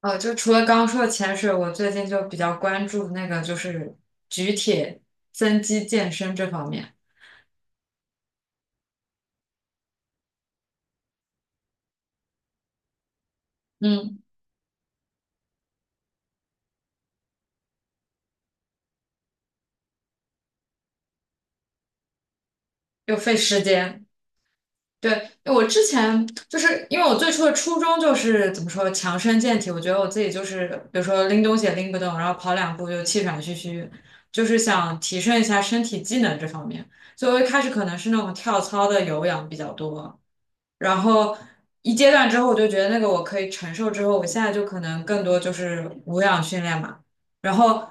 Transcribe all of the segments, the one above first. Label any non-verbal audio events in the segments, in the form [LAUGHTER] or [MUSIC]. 就除了刚刚说的潜水，我最近就比较关注那个就是举铁、增肌健身这方面。嗯，又费时间。对，我之前就是因为我最初的初衷就是怎么说强身健体，我觉得我自己就是比如说拎东西也拎不动，然后跑两步就气喘吁吁，就是想提升一下身体机能这方面。所以我一开始可能是那种跳操的有氧比较多，然后一阶段之后，我就觉得那个我可以承受，之后我现在就可能更多就是无氧训练嘛。然后，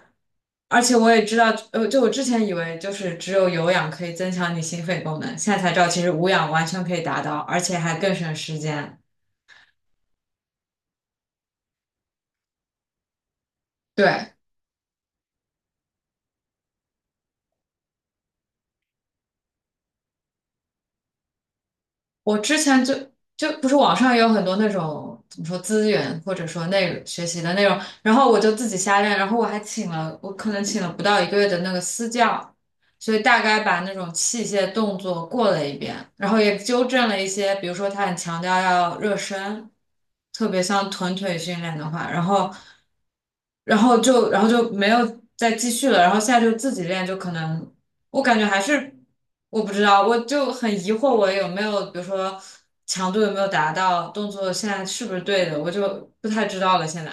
而且我也知道，就我之前以为就是只有有氧可以增强你心肺功能，现在才知道其实无氧完全可以达到，而且还更省时间。对，我之前就不是网上也有很多那种怎么说资源或者说内容学习的内容，然后我就自己瞎练，然后我还请了我可能请了不到1个月的那个私教，所以大概把那种器械动作过了一遍，然后也纠正了一些，比如说他很强调要热身，特别像臀腿训练的话，然后然后就然后就没有再继续了，然后现在就自己练，就可能。我感觉还是我不知道，我就很疑惑，我有没有比如说强度有没有达到，动作现在是不是对的，我就不太知道了现在。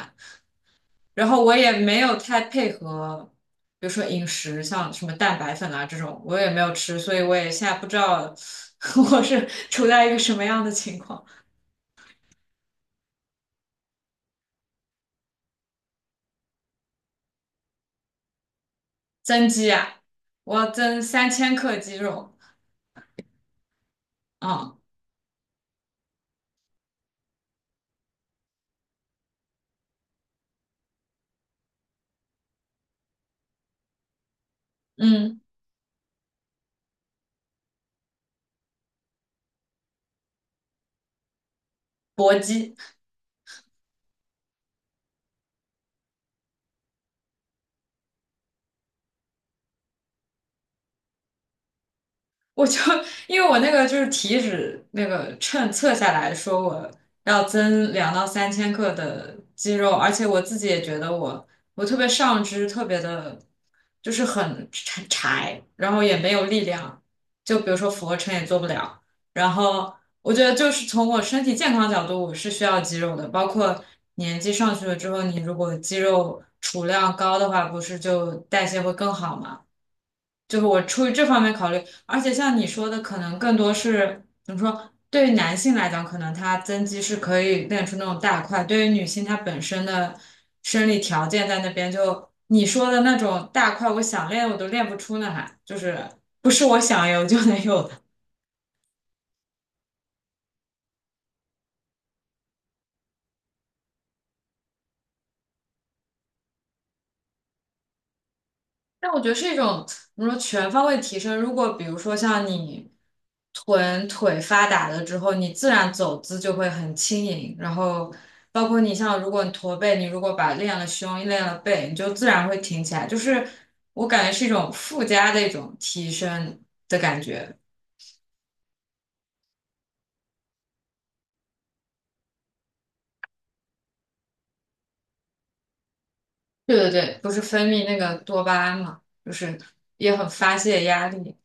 然后我也没有太配合，比如说饮食，像什么蛋白粉啊这种，我也没有吃，所以我也现在不知道 [LAUGHS] 我是处在一个什么样的情况。增肌啊，我要增三千克肌肉，啊，嗯，搏击。我就因为我那个就是体脂那个秤测下来说我要增2到3千克的肌肉，而且我自己也觉得我特别上肢特别的，就是很柴，然后也没有力量，就比如说俯卧撑也做不了。然后我觉得就是从我身体健康角度，我是需要肌肉的，包括年纪上去了之后，你如果肌肉储量高的话，不是就代谢会更好嘛？就是我出于这方面考虑，而且像你说的，可能更多是怎么说？对于男性来讲，可能他增肌是可以练出那种大块；对于女性，她本身的生理条件在那边，就你说的那种大块，我想练我都练不出呢，还就是不是我想有就能有。但我觉得是一种怎么说全方位提升。如果比如说像你臀腿发达了之后，你自然走姿就会很轻盈，然后包括你像如果你驼背，你如果把练了胸、练了背，你就自然会挺起来。就是我感觉是一种附加的一种提升的感觉。对对对，不是分泌那个多巴胺嘛，就是也很发泄压力。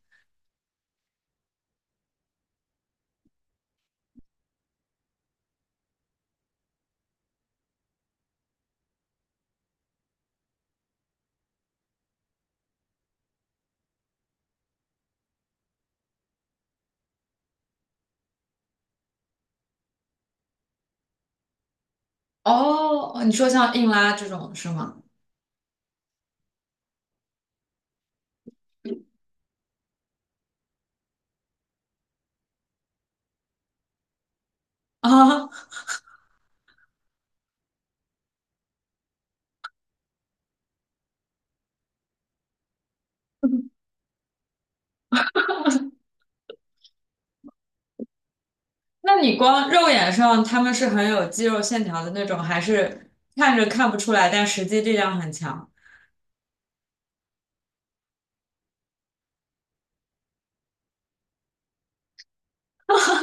哦，你说像硬拉这种是吗？[LAUGHS] 啊。那你光肉眼上他们是很有肌肉线条的那种，还是看着看不出来，但实际力量很强？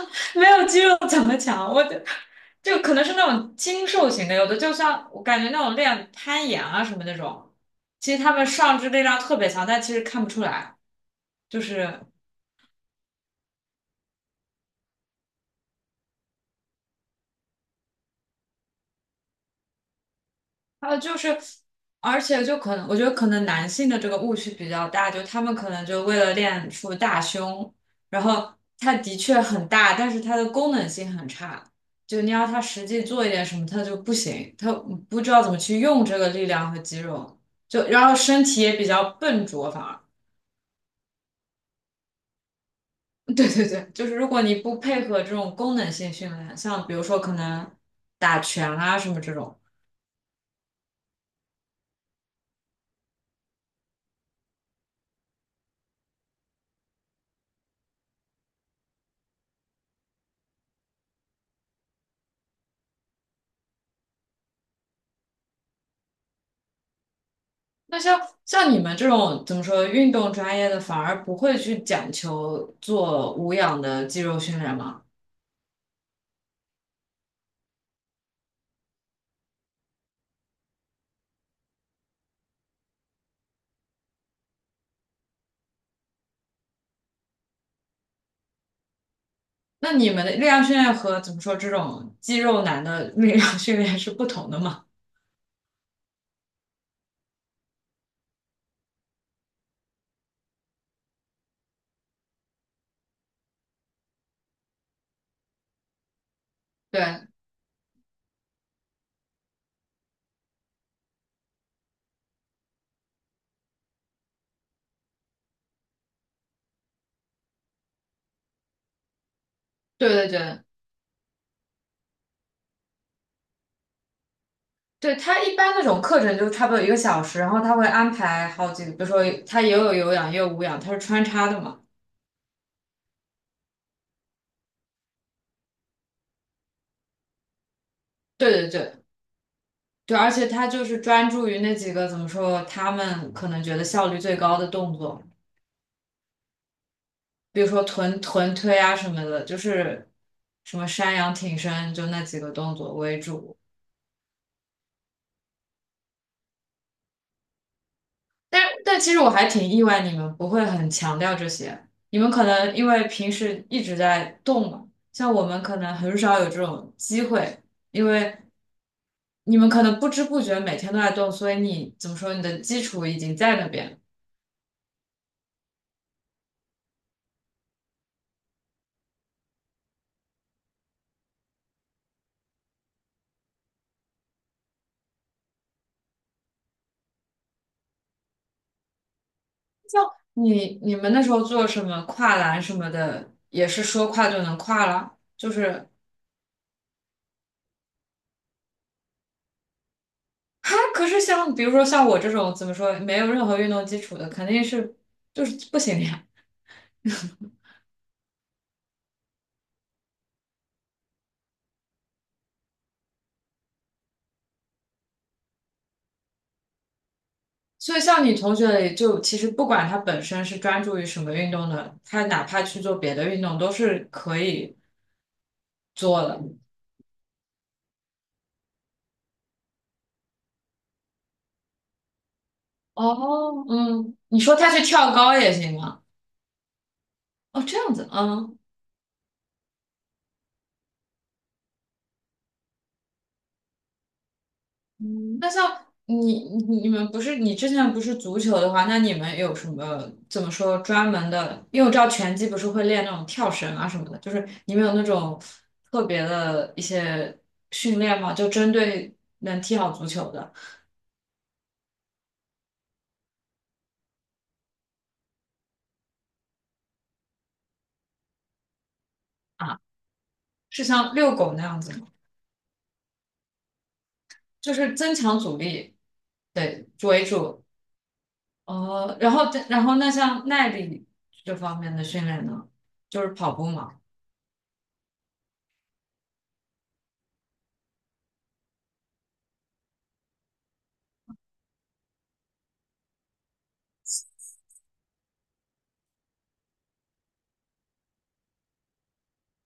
[LAUGHS] 没有肌肉怎么强？我就可能是那种精瘦型的，有的就像我感觉那种练攀岩啊什么那种，其实他们上肢力量特别强，但其实看不出来，就是还有就是，而且就可能，我觉得可能男性的这个误区比较大，就他们可能就为了练出大胸，然后它的确很大，但是它的功能性很差，就你要他实际做一点什么，他就不行，他不知道怎么去用这个力量和肌肉，就然后身体也比较笨拙，反而。[LAUGHS] 对对对，就是如果你不配合这种功能性训练，像比如说可能打拳啊什么这种。那像像你们这种怎么说运动专业的，反而不会去讲求做无氧的肌肉训练吗？那你们的力量训练和怎么说这种肌肉男的力量训练是不同的吗？对对对对对，他一般那种课程就差不多1个小时，然后他会安排好几个，比如说他也有有氧也有无氧，他是穿插的嘛。对对对对，而且他就是专注于那几个怎么说他们可能觉得效率最高的动作。比如说臀推啊什么的，就是什么山羊挺身，就那几个动作为主。但其实我还挺意外，你们不会很强调这些，你们可能因为平时一直在动嘛，像我们可能很少有这种机会，因为你们可能不知不觉每天都在动，所以你怎么说，你的基础已经在那边。你们那时候做什么跨栏什么的，也是说跨就能跨了，就是哈，可是像比如说像我这种怎么说没有任何运动基础的，肯定是就是不行的呀。所以像你同学里，就其实不管他本身是专注于什么运动的，他哪怕去做别的运动都是可以做的。哦，嗯，你说他去跳高也行啊？哦，这样子，嗯。嗯，那像你们不是你之前不是足球的话，那你们有什么怎么说专门的？因为我知道拳击不是会练那种跳绳啊什么的，就是你们有那种特别的一些训练吗？就针对能踢好足球的啊，是像遛狗那样子吗？就是增强阻力，对，为主。哦，然后那像耐力这方面的训练呢，就是跑步嘛。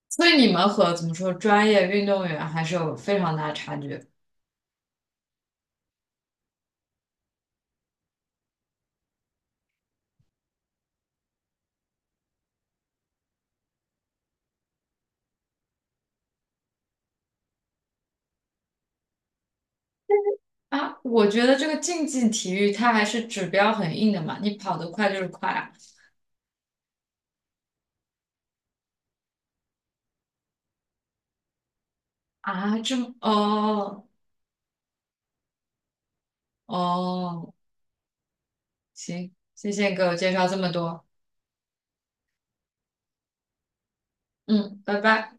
所以你们和怎么说专业运动员还是有非常大的差距啊！我觉得这个竞技体育它还是指标很硬的嘛，你跑得快就是快啊！啊，这么哦哦，行，谢谢你给我介绍这么多，嗯，拜拜。